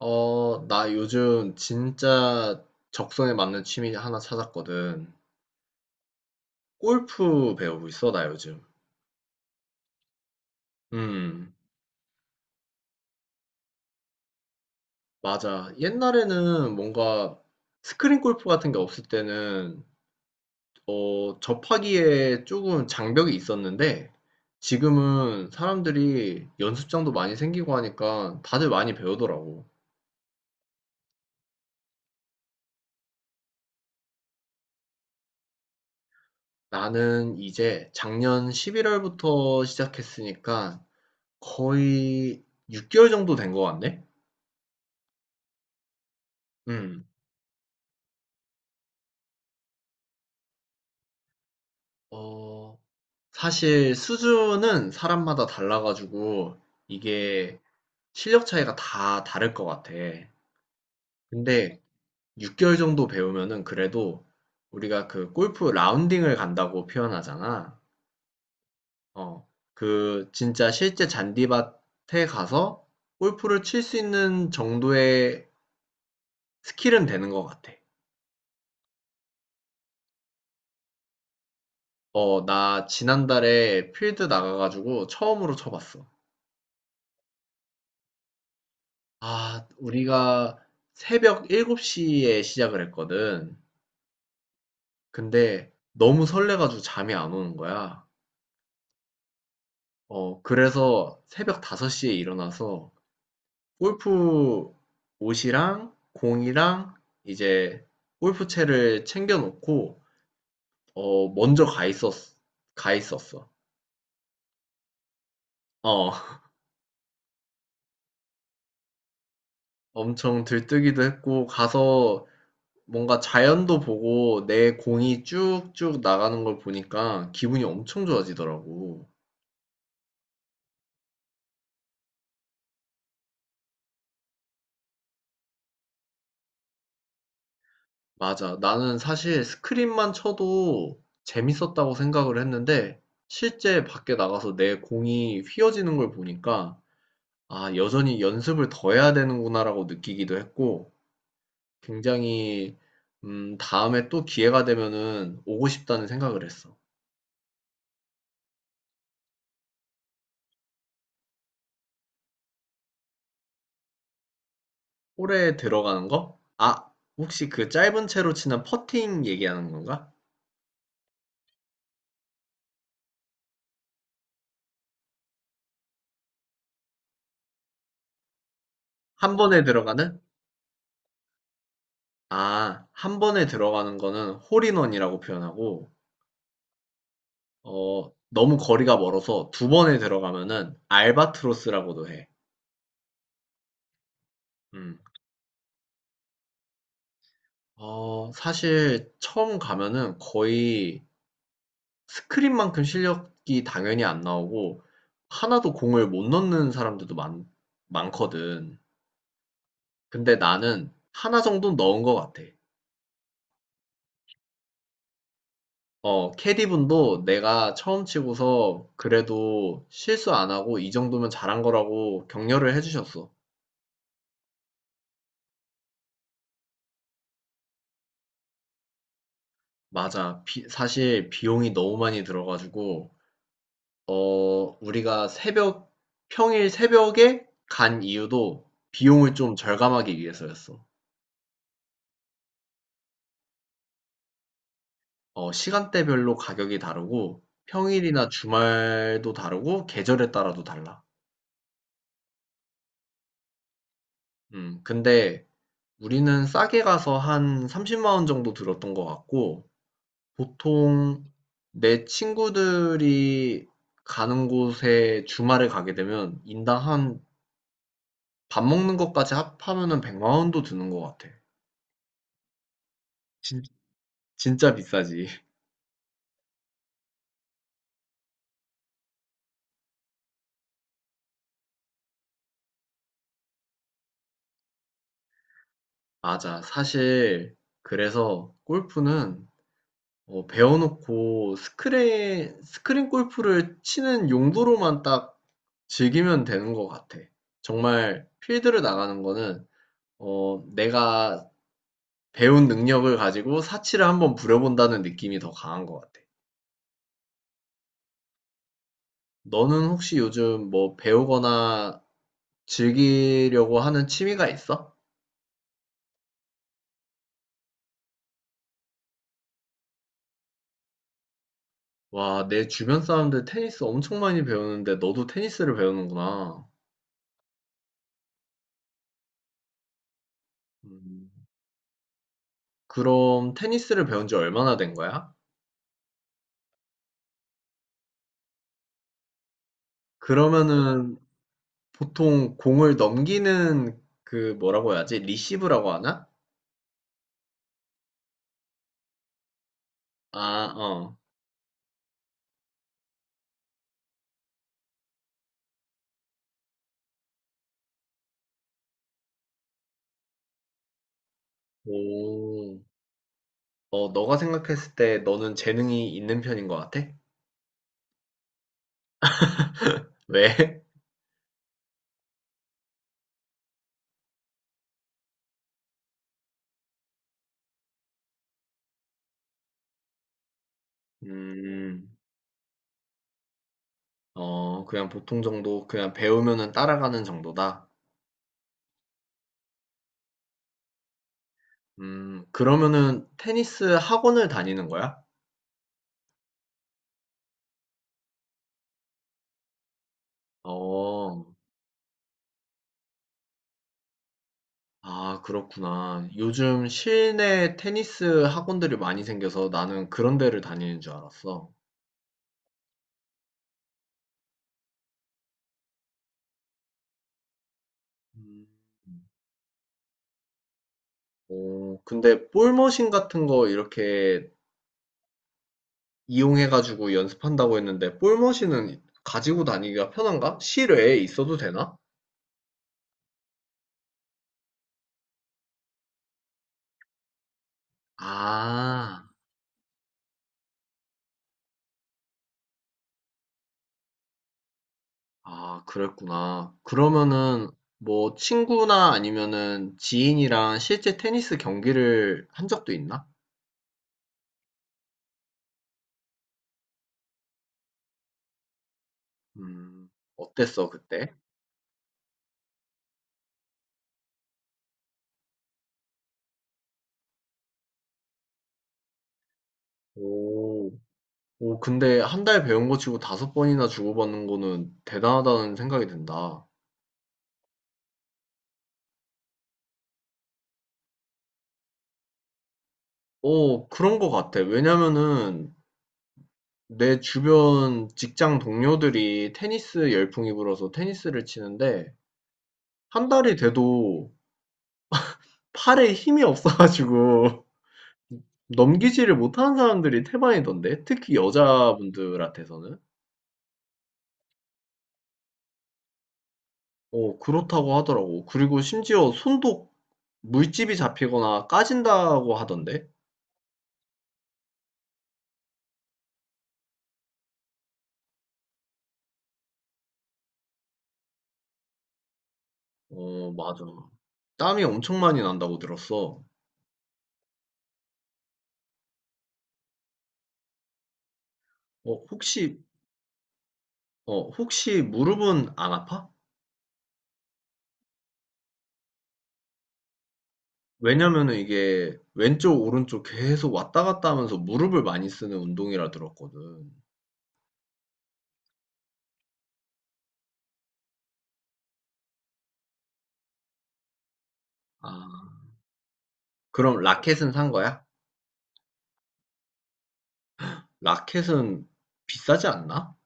어, 나 요즘 진짜 적성에 맞는 취미 하나 찾았거든. 골프 배우고 있어, 나 요즘. 음, 맞아. 옛날에는 뭔가 스크린 골프 같은 게 없을 때는, 접하기에 조금 장벽이 있었는데, 지금은 사람들이 연습장도 많이 생기고 하니까 다들 많이 배우더라고. 나는 이제 작년 11월부터 시작했으니까 거의 6개월 정도 된 것 같네? 음. 어, 사실 수준은 사람마다 달라 가지고 이게 실력 차이가 다 다를 것 같아. 근데 6개월 정도 배우면은 그래도 우리가 그 골프 라운딩을 간다고 표현하잖아. 어, 그 진짜 실제 잔디밭에 가서 골프를 칠 수 있는 정도의 스킬은 되는 것 같아. 어, 나 지난달에 필드 나가가지고 처음으로 쳐봤어. 아 우리가 새벽 7곱시에 시작을 했거든. 근데 너무 설레 가지고 잠이 안 오는 거야. 어 그래서 새벽 5섯시에 일어나서 골프 옷이랑 공이랑 이제 골프채를 챙겨 놓고 먼저 가 있었어. 어. 엄청 들뜨기도 했고 가서 뭔가 자연도 보고 내 공이 쭉쭉 나가는 걸 보니까 기분이 엄청 좋아지더라고. 맞아. 나는 사실 스크린만 쳐도 재밌었다고 생각을 했는데, 실제 밖에 나가서 내 공이 휘어지는 걸 보니까, 아, 여전히 연습을 더 해야 되는구나라고 느끼기도 했고, 굉장히, 다음에 또 기회가 되면은 오고 싶다는 생각을 했어. 홀에 들어가는 거? 아, 혹시 그 짧은 채로 치는 퍼팅 얘기하는 건가? 한 번에 들어가는? 아, 한 번에 들어가는 거는 홀인원이라고 표현하고, 너무 거리가 멀어서 두 번에 들어가면은 알바트로스라고도 해. 음. 어 사실 처음 가면은 거의 스크린만큼 실력이 당연히 안 나오고 하나도 공을 못 넣는 사람들도 많 많거든. 근데 나는 하나 정도는 넣은 것 같아. 어 캐디분도 내가 처음 치고서 그래도 실수 안 하고 이 정도면 잘한 거라고 격려를 해 주셨어. 맞아. 비 사실 비용이 너무 많이 들어 가지고 우리가 새벽 평일 새벽에 간 이유도 비용을 좀 절감하기 위해서였어. 어 시간대별로 가격이 다르고 평일이나 주말도 다르고 계절에 따라도 달라. 근데 우리는 싸게 가서 한 30만 원 정도 들었던 것 같고 보통 내 친구들이 가는 곳에 주말에 가게 되면 인당 한 밥 먹는 것까지 합하면은 100만 원도 드는 것 같아. 진, 진짜 비싸지. 맞아. 사실 그래서 골프는 배워놓고 스크린 골프를 치는 용도로만 딱 즐기면 되는 것 같아. 정말 필드를 나가는 거는 내가 배운 능력을 가지고 사치를 한번 부려본다는 느낌이 더 강한 것 같아. 너는 혹시 요즘 뭐 배우거나 즐기려고 하는 취미가 있어? 와, 내 주변 사람들 테니스 엄청 많이 배우는데 너도 테니스를 배우는구나. 음. 그럼 테니스를 배운 지 얼마나 된 거야? 그러면은 보통 공을 넘기는 그 뭐라고 해야지? 리시브라고 하나? 아, 어. 오. 너가 생각했을 때 너는 재능이 있는 편인 것 같아? 왜? 음, 그냥 보통 정도, 그냥 배우면은 따라가는 정도다. 그러면은 테니스 학원을 다니는 거야? 어, 아, 그렇구나. 요즘 실내 테니스 학원들이 많이 생겨서 나는 그런 데를 다니는 줄 알았어. 음, 오, 근데 볼머신 같은 거 이렇게 이용해가지고 연습한다고 했는데, 볼머신은 가지고 다니기가 편한가? 실외에 있어도 되나? 아, 아, 그랬구나. 그러면은 뭐 친구나 아니면은 지인이랑 실제 테니스 경기를 한 적도 있나? 음, 어땠어, 그때? 오. 오, 근데 한 달 배운 거 치고 다섯 번이나 주고받는 거는 대단하다는 생각이 든다. 오, 그런 거 같아. 왜냐면은 내 주변 직장 동료들이 테니스 열풍이 불어서 테니스를 치는데 한 달이 돼도 팔에 힘이 없어가지고 넘기지를 못하는 사람들이 태반이던데. 특히 여자분들한테서는. 오, 그렇다고 하더라고. 그리고 심지어 손도 물집이 잡히거나 까진다고 하던데. 어, 맞아. 땀이 엄청 많이 난다고 들었어. 어, 혹시, 혹시 무릎은 안 아파? 왜냐면은 이게 왼쪽, 오른쪽 계속 왔다 갔다 하면서 무릎을 많이 쓰는 운동이라 들었거든. 아, 그럼 라켓은 산 거야? 라켓은 비싸지 않나?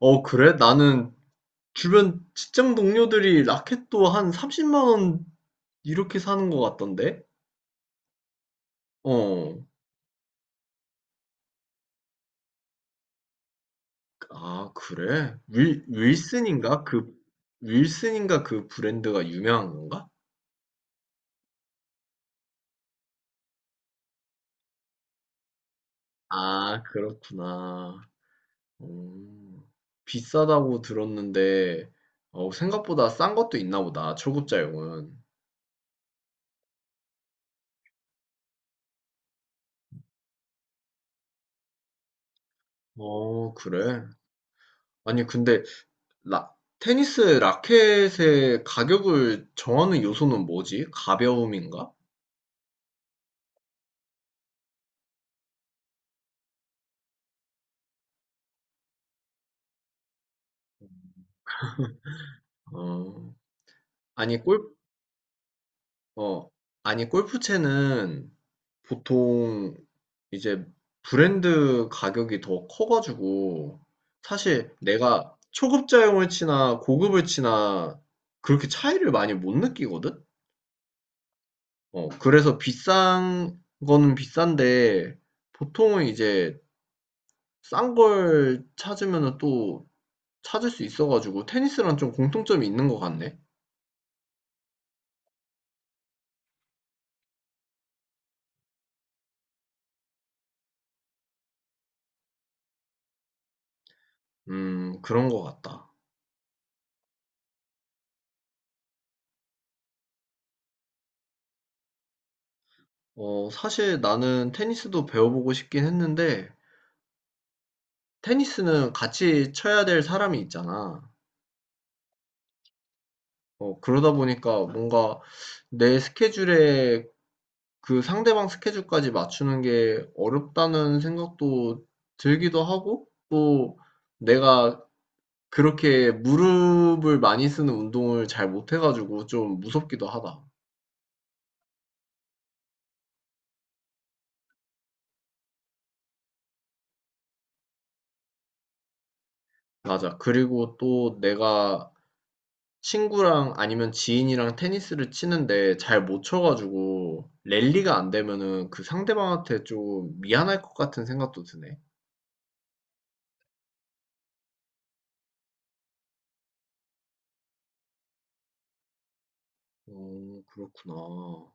어, 그래? 나는 주변 직장 동료들이 라켓도 한 30만 원 이렇게 사는 것 같던데? 어, 아, 그래? 윌슨인가? 그, 윌슨인가 그 브랜드가 유명한 건가? 아, 그렇구나. 음, 비싸다고 들었는데, 생각보다 싼 것도 있나 보다, 초급자용은. 어, 그래? 아니, 근데, 라, 테니스 라켓의 가격을 정하는 요소는 뭐지? 가벼움인가? 어, 아니, 골, 어, 아니, 골프채는 보통 이제 브랜드 가격이 더 커가지고, 사실 내가 초급자용을 치나 고급을 치나 그렇게 차이를 많이 못 느끼거든? 그래서 비싼 거는 비싼데, 보통은 이제 싼 걸 찾으면 또 찾을 수 있어가지고, 테니스랑 좀 공통점이 있는 것 같네? 그런 것 같다. 어, 사실 나는 테니스도 배워보고 싶긴 했는데, 테니스는 같이 쳐야 될 사람이 있잖아. 그러다 보니까 뭔가 내 스케줄에 그 상대방 스케줄까지 맞추는 게 어렵다는 생각도 들기도 하고, 또 내가 그렇게 무릎을 많이 쓰는 운동을 잘 못해가지고 좀 무섭기도 하다. 맞아. 그리고 또 내가 친구랑 아니면 지인이랑 테니스를 치는데 잘 못 쳐가지고 랠리가 안 되면은 그 상대방한테 좀 미안할 것 같은 생각도 드네. 어, 그렇구나.